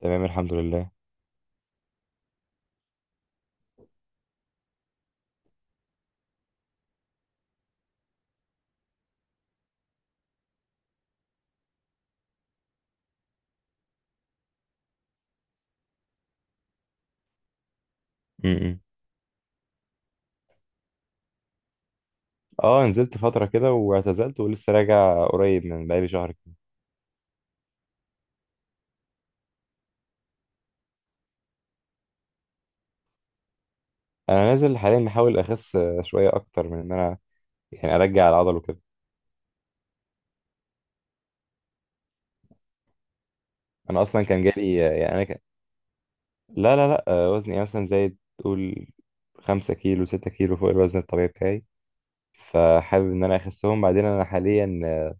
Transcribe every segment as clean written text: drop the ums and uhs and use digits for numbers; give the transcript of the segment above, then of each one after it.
تمام، الحمد لله. امم اه نزلت فترة كده واعتزلت ولسه راجع قريب من بقالي شهر كده. انا نازل حاليا بحاول اخس، شوية اكتر من ان انا يعني ارجع العضل وكده. انا اصلا كان جالي يعني لا لا لا، وزني مثلا زايد، تقول 5 كيلو 6 كيلو فوق الوزن الطبيعي بتاعي، فحابب ان انا اخسهم. بعدين انا حاليا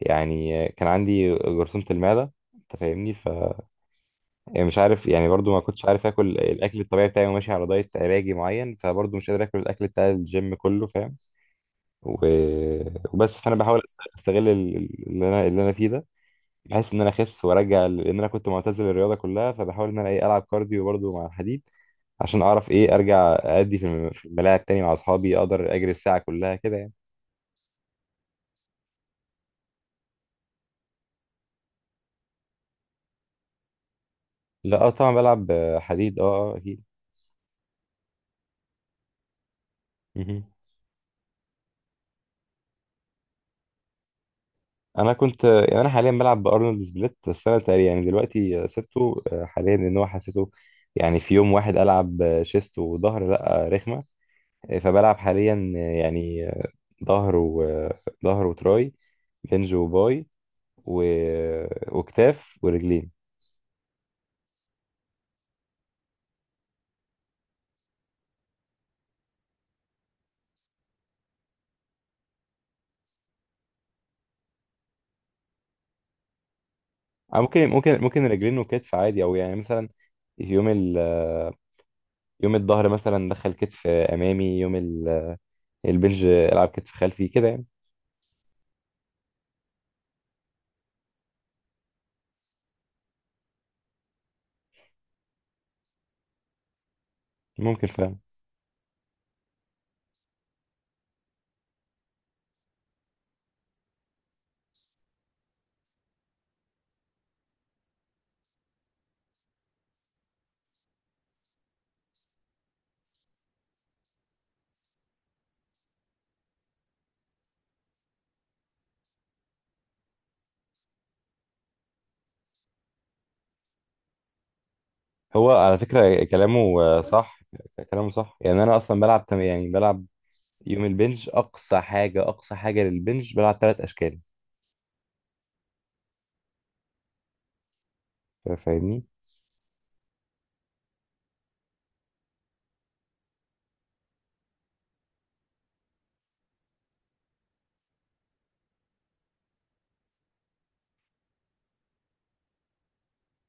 يعني كان عندي جرثومة المعدة، انت فاهمني؟ يعني مش عارف، يعني برضو ما كنتش عارف اكل الاكل الطبيعي بتاعي وماشي على دايت علاجي معين، فبرضو مش قادر اكل الاكل بتاع الجيم كله، فاهم. و... وبس. فانا بحاول استغل اللي انا فيه ده، بحيث ان انا اخس وارجع، لان انا كنت معتزل الرياضه كلها. فبحاول ان انا ايه العب كارديو برضو مع الحديد، عشان اعرف ايه ارجع ادي في الملاعب تاني مع اصحابي، اقدر اجري الساعه كلها كده يعني. لا، اه طبعا بلعب حديد، اه اه اكيد. مهم. انا كنت يعني انا حاليا بلعب بارنولد سبليت، بس انا تقريبا يعني دلوقتي سبته حاليا، لان هو حسيته. يعني في يوم واحد العب شيست وظهر، لا رخمه. فبلعب حاليا يعني ظهر وظهر وتراي، بنج وباي، و... وكتاف ورجلين. أو ممكن رجلين وكتف عادي، او يعني مثلا يوم ال آه، يوم الظهر مثلا دخل كتف امامي، البنج العب كتف خلفي كده يعني. ممكن فعلا. هو على فكرة كلامه صح. كلامه صح، يعني أنا أصلا بلعب بلعب يوم البنج، أقصى حاجة أقصى حاجة للبنج بلعب ثلاث أشكال. فاهمني؟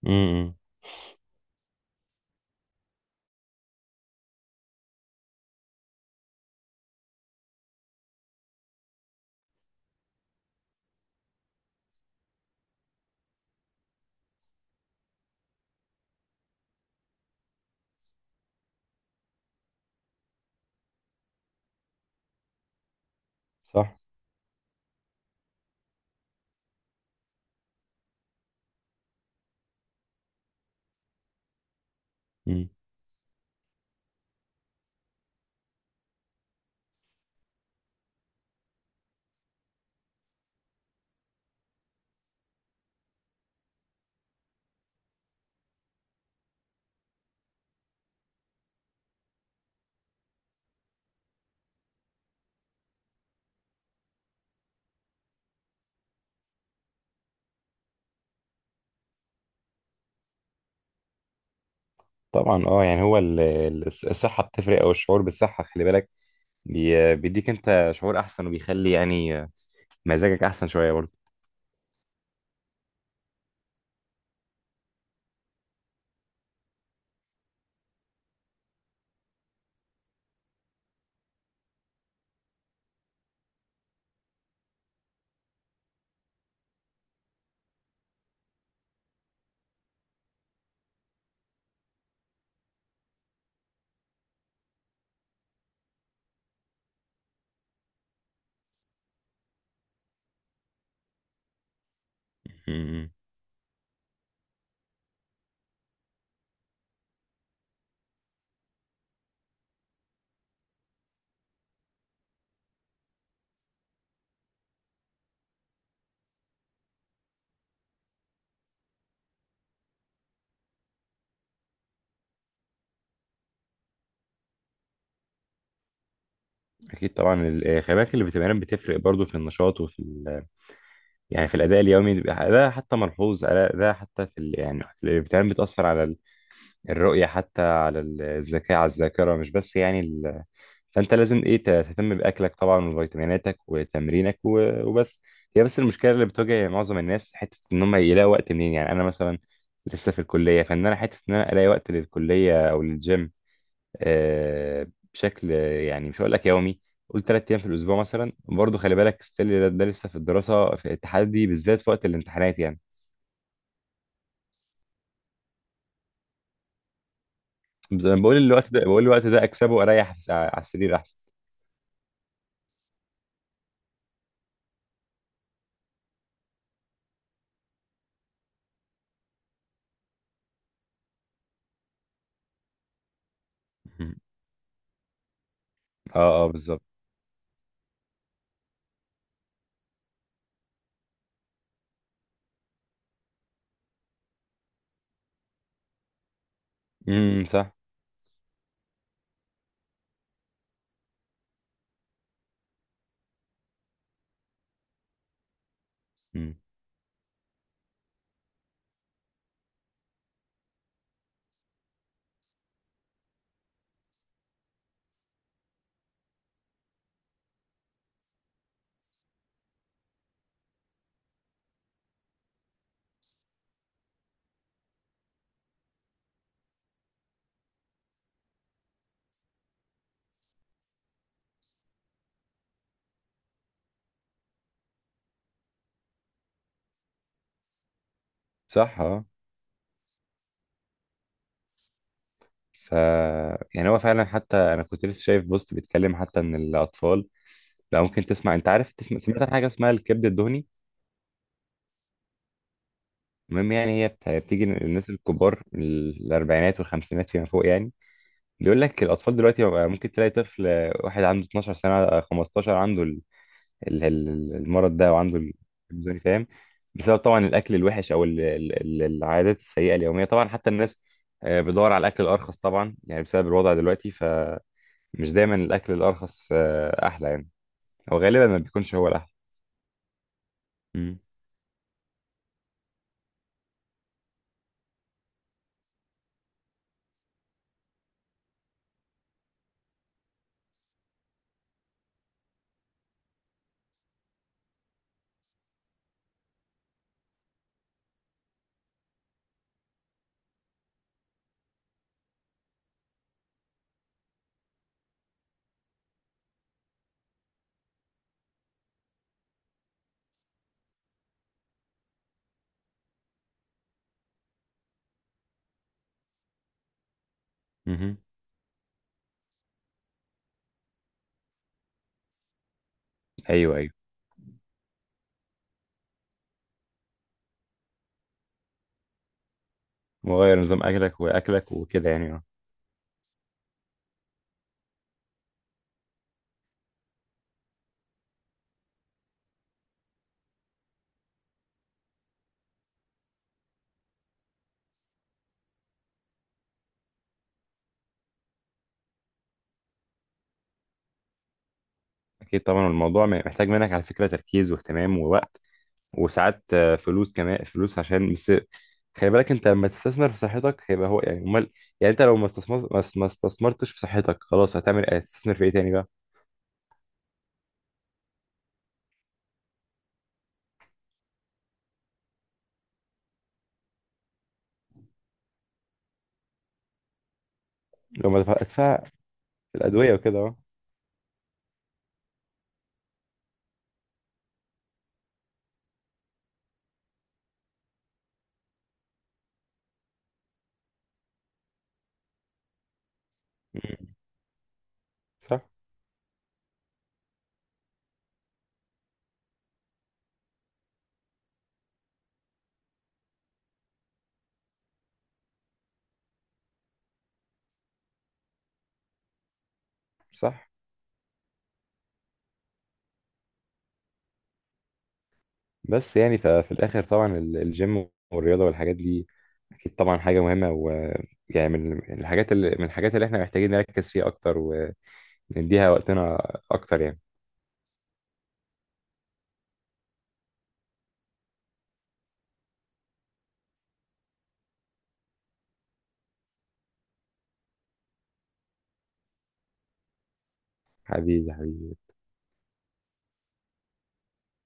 امم، صح. امم، طبعا. اه، يعني هو الصحة بتفرق، أو الشعور بالصحة. خلي بالك، بيديك أنت شعور أحسن، وبيخلي يعني مزاجك أحسن شوية برضه. امم، أكيد طبعا خلي بالك الفيتامينات بتفرق برضه في النشاط، وفي يعني في الأداء اليومي، بيبقى ده حتى ملحوظ. ده حتى في يعني الفيتامينات بتأثر على الرؤية، حتى على الذكاء، على الذاكرة، مش بس يعني فأنت لازم تهتم بأكلك طبعا، وفيتاميناتك وتمرينك وبس. هي بس المشكلة اللي بتواجه معظم الناس، حتة إن هم يلاقوا وقت منين. يعني أنا مثلا لسه في الكلية، فإن أنا حتة إن أنا ألاقي وقت للكلية أو للجيم. آه بشكل يعني مش هقول لك يومي، قول 3 أيام في الأسبوع مثلا. برضه خلي بالك، ستيل ده لسه في الدراسة، في التحدي بالذات في وقت الامتحانات يعني. بقول الوقت ده أكسبه أريح على السرير أحسن. اه اه بالظبط. امم، صح. امم، صح. اه، ف يعني هو فعلا، حتى انا كنت لسه شايف بوست بيتكلم حتى ان الاطفال. لا، ممكن تسمع، انت عارف، سمعت عن حاجه اسمها الكبد الدهني؟ المهم يعني هي بتيجي للناس الكبار، الاربعينات والخمسينات فيما فوق يعني. بيقول لك الاطفال دلوقتي بقى، ممكن تلاقي طفل واحد عنده 12 سنه، 15، عنده المرض ده، وعنده الكلمزوني فاهم. بسبب طبعا الاكل الوحش، او العادات السيئه اليوميه. طبعا حتى الناس بتدور على الاكل الارخص طبعا، يعني بسبب الوضع دلوقتي، فمش دايما الاكل الارخص احلى يعني، او غالبا ما بيكونش هو الاحلى. امم، امم. ايوه، ايوه، مغير نظام اكلك وكده يعني، اه. اكيد طبعا الموضوع محتاج منك على فكره تركيز واهتمام ووقت، وساعات فلوس، كمان فلوس عشان بس خلي بالك انت لما تستثمر في صحتك. هيبقى هو يعني امال. يعني انت لو ما استثمرتش في صحتك، خلاص هتعمل ايه؟ هتستثمر في ايه تاني بقى؟ لو ما دفع- هتدفع في الادويه وكده، اه. مم، صح. صح. بس يعني ففي الاخر طبعا الجيم والرياضه والحاجات دي، اكيد طبعا حاجه مهمه. ويعني من الحاجات اللي احنا محتاجين نركز فيها اكتر، ونديها وقتنا اكتر يعني. حبيبي حبيبي.